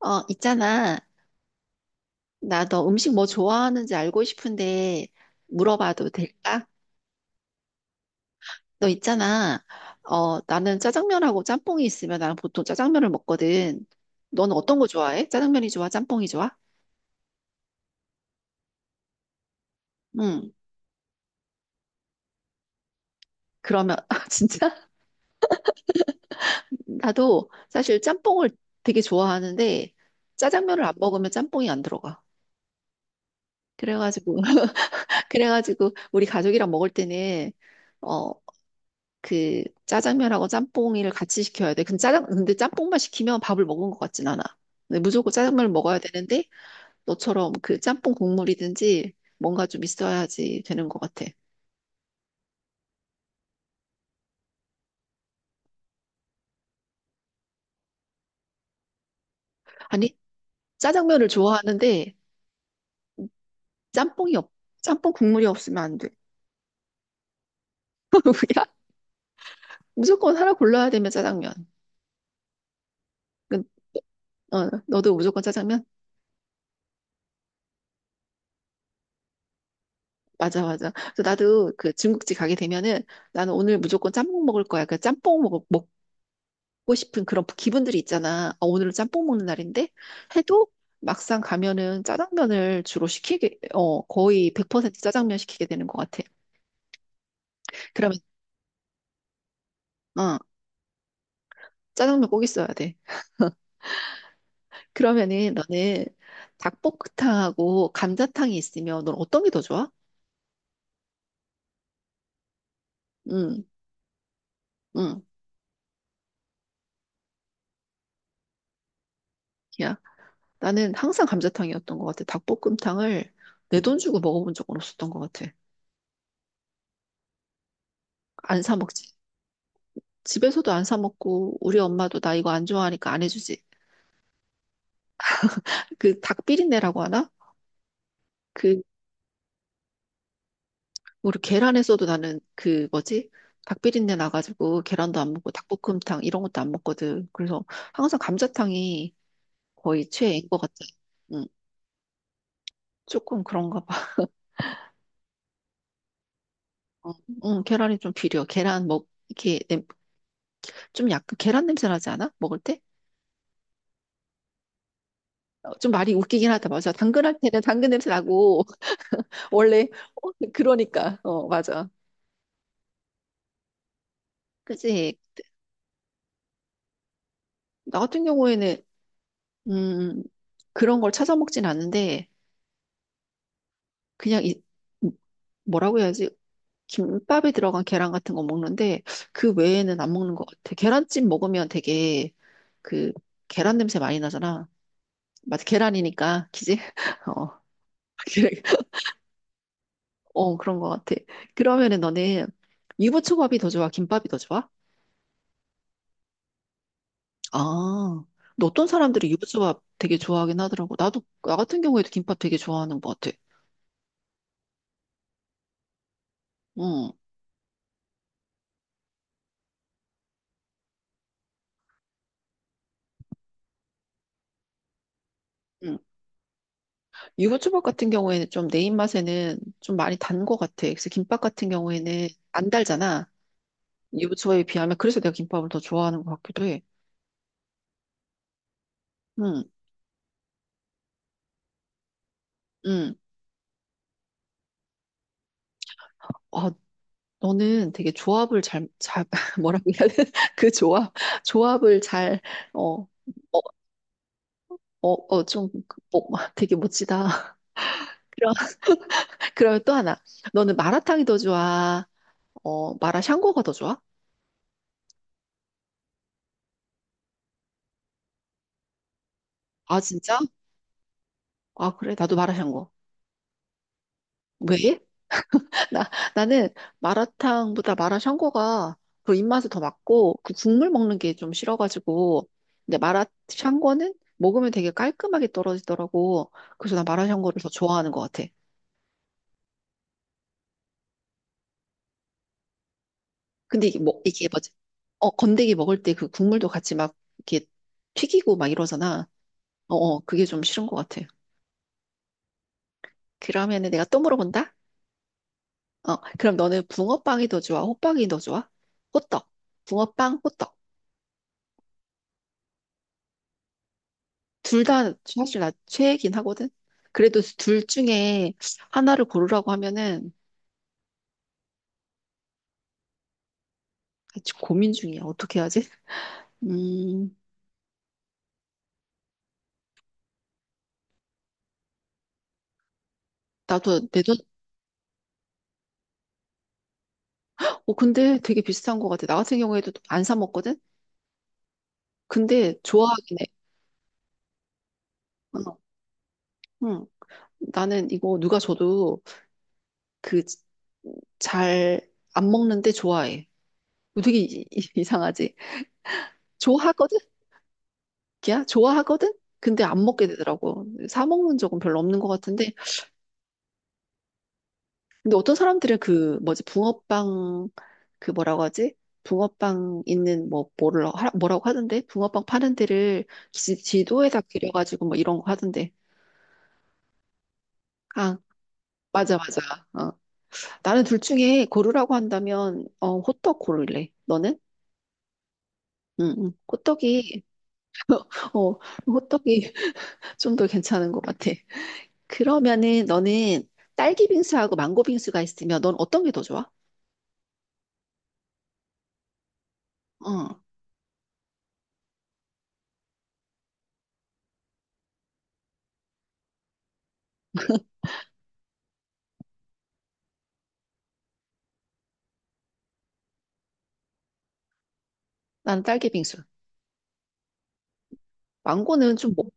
있잖아. 나 너 음식 뭐 좋아하는지 알고 싶은데 물어봐도 될까? 너 있잖아. 나는 짜장면하고 짬뽕이 있으면 나는 보통 짜장면을 먹거든. 넌 어떤 거 좋아해? 짜장면이 좋아? 짬뽕이 좋아? 응. 그러면 아, 진짜 나도 사실 짬뽕을 되게 좋아하는데 짜장면을 안 먹으면 짬뽕이 안 들어가. 그래가지고 그래가지고 우리 가족이랑 먹을 때는 어, 그 짜장면하고 짬뽕이를 같이 시켜야 돼. 근데 짜장 근데 짬뽕만 시키면 밥을 먹은 것 같진 않아. 근데 무조건 짜장면을 먹어야 되는데 너처럼 그 짬뽕 국물이든지 뭔가 좀 있어야지 되는 것 같아. 아니 짜장면을 좋아하는데 짬뽕이 없 짬뽕 국물이 없으면 안 돼. 야 무조건 하나 골라야 되면 짜장면. 그- 어, 너도 무조건 짜장면? 맞아, 맞아. 그래서 나도 그 중국집 가게 되면은 나는 오늘 무조건 짬뽕 먹을 거야. 그 짬뽕 먹, 먹고 싶은 그런 기분들이 있잖아. 아, 오늘은 짬뽕 먹는 날인데 해도 막상 가면은 짜장면을 주로 시키게, 어, 거의 100% 짜장면 시키게 되는 것 같아. 그러면, 어, 짜장면 꼭 있어야 돼. 그러면은 너는 닭볶음탕하고 감자탕이 있으면 넌 어떤 게 더 좋아? 응, 응. 야, 나는 항상 감자탕이었던 것 같아. 닭볶음탕을 내 돈 주고 먹어본 적은 없었던 것 같아. 안 사 먹지. 집에서도 안 사 먹고 우리 엄마도 나 이거 안 좋아하니까 안 해주지. 그 닭 비린내라고 하나? 그 우리 계란에서도 나는 그 뭐지? 닭비린내 나가지고 계란도 안 먹고 닭볶음탕 이런 것도 안 먹거든. 그래서 항상 감자탕이 거의 최애인 것 같아. 응, 조금 그런가 봐. 어, 응, 계란이 좀 비려. 계란 먹 이렇게 좀 약간 계란 냄새 나지 않아? 먹을 때? 어, 좀 말이 웃기긴 하다. 맞아. 당근 할 때는 당근 냄새 나고 원래 그러니까 어 맞아. 그지? 나 같은 경우에는 음 그런 걸 찾아 먹진 않는데 그냥 이 뭐라고 해야지? 김밥이 들어간 계란 같은 거 먹는데 그 외에는 안 먹는 것 같아. 계란찜 먹으면 되게 그 계란 냄새 많이 나잖아. 맞아, 계란이니까 기지? 어, 그래. 어, 그런 것 같아. 그러면은 너는 유부초밥이 더 좋아? 김밥이 더 좋아? 아, 근데 어떤 사람들이 유부초밥 되게 좋아하긴 하더라고. 나도 나 같은 경우에도 김밥 되게 좋아하는 것 같아. 응. 응. 유부초밥 같은 경우에는 좀 내 입맛에는 좀 많이 단 것 같아. 그래서 김밥 같은 경우에는 안 달잖아. 유부초에 비하면 그래서 내가 김밥을 더 좋아하는 것 같기도 해. 응, 응. 아, 너는 되게 조합을 잘 뭐라고 해야 돼? 그 조합, 조합을 잘, 어, 어, 되게 멋지다. 그럼, 그러면 또 하나. 너는 마라탕이 더 좋아? 마라샹궈가 더 좋아? 아, 진짜? 아, 그래? 나도 마라샹궈. 왜? 나, 나는 마라탕보다 마라샹궈가 그 입맛에 더 맞고 그 국물 먹는 게 좀 싫어가지고 근데 마라샹궈는 먹으면 되게 깔끔하게 떨어지더라고. 그래서 난 마라샹궈를 더 좋아하는 것 같아. 근데 이게 뭐지? 어 건더기 먹을 때 그 국물도 같이 막 이렇게 튀기고 막 이러잖아. 어, 어 그게 좀 싫은 것 같아. 그러면은 내가 또 물어본다. 어 그럼 너는 붕어빵이 더 좋아? 호빵이 더 좋아? 호떡. 붕어빵, 호떡. 둘 다 사실 나 최애긴 하거든. 그래도 둘 중에 하나를 고르라고 하면은 지금 고민 중이야. 어떻게 해야지? 음, 나도 내 돈, 어, 근데 되게 비슷한 것 같아. 나 같은 경우에도 안 사 먹거든? 근데 좋아하긴 해. 어, 응. 나는 이거 누가 줘도 그 잘 안 먹는데 좋아해. 이거 되게 이상하지? 좋아하거든? 야, 좋아하거든? 근데 안 먹게 되더라고. 사 먹는 적은 별로 없는 것 같은데 근데 어떤 사람들은 그 뭐지 붕어빵 그 뭐라고 하지? 붕어빵 있는 뭐라고 하던데? 붕어빵 파는 데를 지도에다 그려가지고 뭐 이런 거 하던데. 아 맞아 맞아. 어. 나는 둘 중에 고르라고 한다면 어 호떡 고를래. 너는? 응, 응. 호떡이 어 호떡이 좀 더 괜찮은 것 같아. 그러면은 너는 딸기 빙수하고 망고 빙수가 있으면 넌 어떤 게 더 좋아? 응. 나는 딸기 빙수. 망고는 좀 뭐,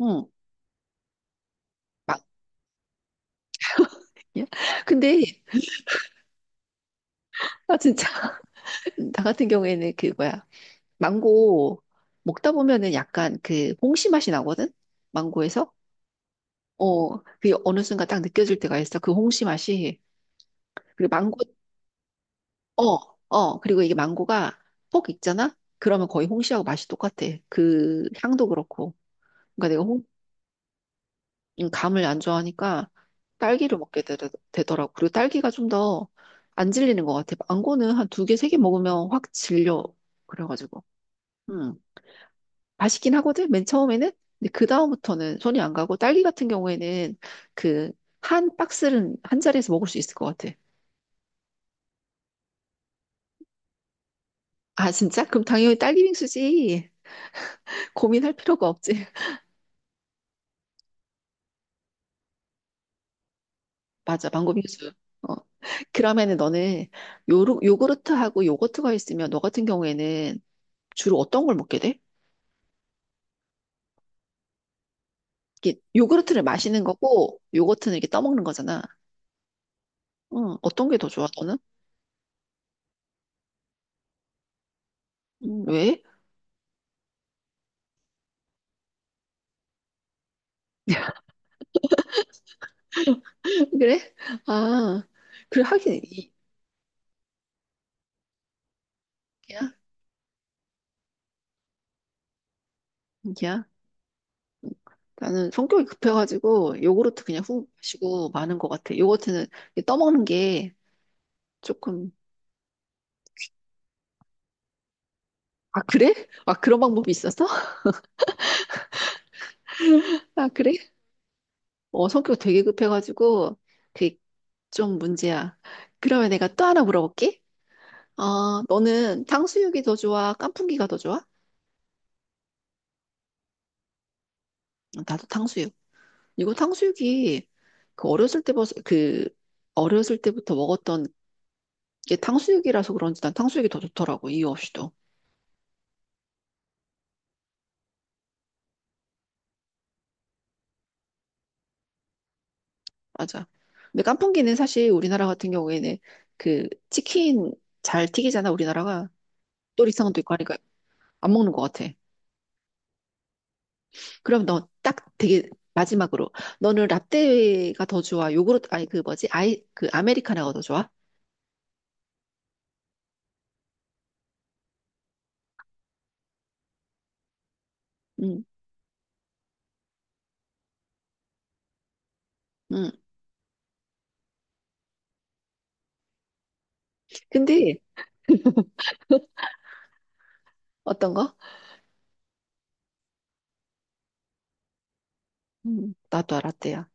응. 예? 근데 아 진짜 나 같은 경우에는 그 뭐야 망고 먹다 보면은 약간 그 홍시 맛이 나거든 망고에서 어 그게 어느 순간 딱 느껴질 때가 있어 그 홍시 맛이 그리고 망고 어 어 그리고 이게 망고가 폭 익잖아 그러면 거의 홍시하고 맛이 똑같아 그 향도 그렇고 그러니까 내가 홍 감을 안 좋아하니까 딸기를 먹게 되더라고 그리고 딸기가 좀 더 안 질리는 것 같아 망고는 한 두 개 세 개 먹으면 확 질려 그래가지고 음. 맛있긴 하거든, 맨 처음에는. 근데 그다음부터는 손이 안 가고, 딸기 같은 경우에는 그, 한 박스는 한 자리에서 먹을 수 있을 것 같아. 아, 진짜? 그럼 당연히 딸기 빙수지. 고민할 필요가 없지. 맞아, 망고 빙수. 어. 그러면은 너는 요구르트하고 요거트가 있으면 너 같은 경우에는 주로 어떤 걸 먹게 돼? 이게 요구르트를 마시는 거고, 요거트는 이렇게 떠먹는 거잖아. 응, 어떤 게 더 좋아, 너는? 왜? 그래? 아, 그래, 하긴, 이, 야, 나는 성격이 급해가지고 요구르트 그냥 훅 마시고 마는 것 같아. 요거트는 떠먹는 게 조금 아 그래? 아 그런 방법이 있었어? 아 그래? 어 성격 되게 급해가지고 그게 좀 문제야. 그러면 내가 또 하나 물어볼게. 어 너는 탕수육이 더 좋아? 깐풍기가 더 좋아? 어, 나도 탕수육. 이거 탕수육이 그 어렸을 때부터 그 어렸을 때부터 먹었던 게 탕수육이라서 그런지 난 탕수육이 더 좋더라고 이유 없이도. 맞아. 근데 깐풍기는 사실 우리나라 같은 경우에는 그 치킨 잘 튀기잖아, 우리나라가. 또리상도 있고 하니까 안 먹는 것 같아. 그럼 너 딱 되게 마지막으로 너는 라떼가 더 좋아? 요구르트 아니 그 뭐지? 아이 그 아메리카노가 더 좋아? 응. 응. 근데 어떤 거? 나도 라떼야.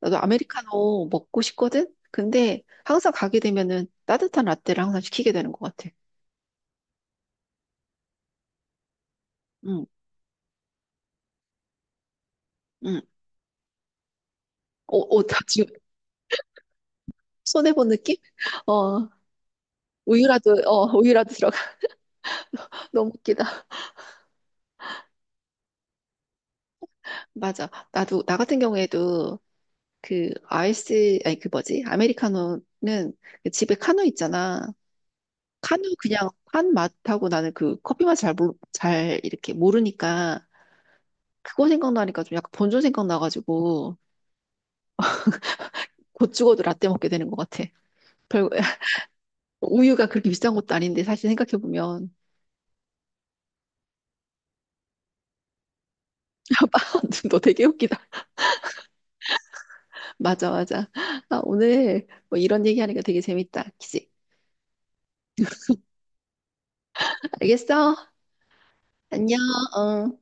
나도 아메리카노 먹고 싶거든? 근데 항상 가게 되면은 따뜻한 라떼를 항상 시키게 되는 것 같아. 응, 응. 나 지금 손해본 느낌? 어, 우유라도, 어, 우유라도 들어가. 너무 웃기다. 맞아. 나도, 나 같은 경우에도 그 아이스, 아니 그 뭐지? 아메리카노는 그 집에 카누 있잖아. 카누 그냥 한 맛하고 나는 그 커피 맛 잘 이렇게 모르니까 그거 생각나니까 좀 약간 본전 생각나가지고 곧 죽어도 라떼 먹게 되는 것 같아. 별, 우유가 그렇게 비싼 것도 아닌데 사실 생각해보면. 너 되게 웃기다. 맞아, 맞아. 아, 오늘 뭐 이런 얘기하니까 되게 재밌다. 그치? 알겠어? 안녕, 어.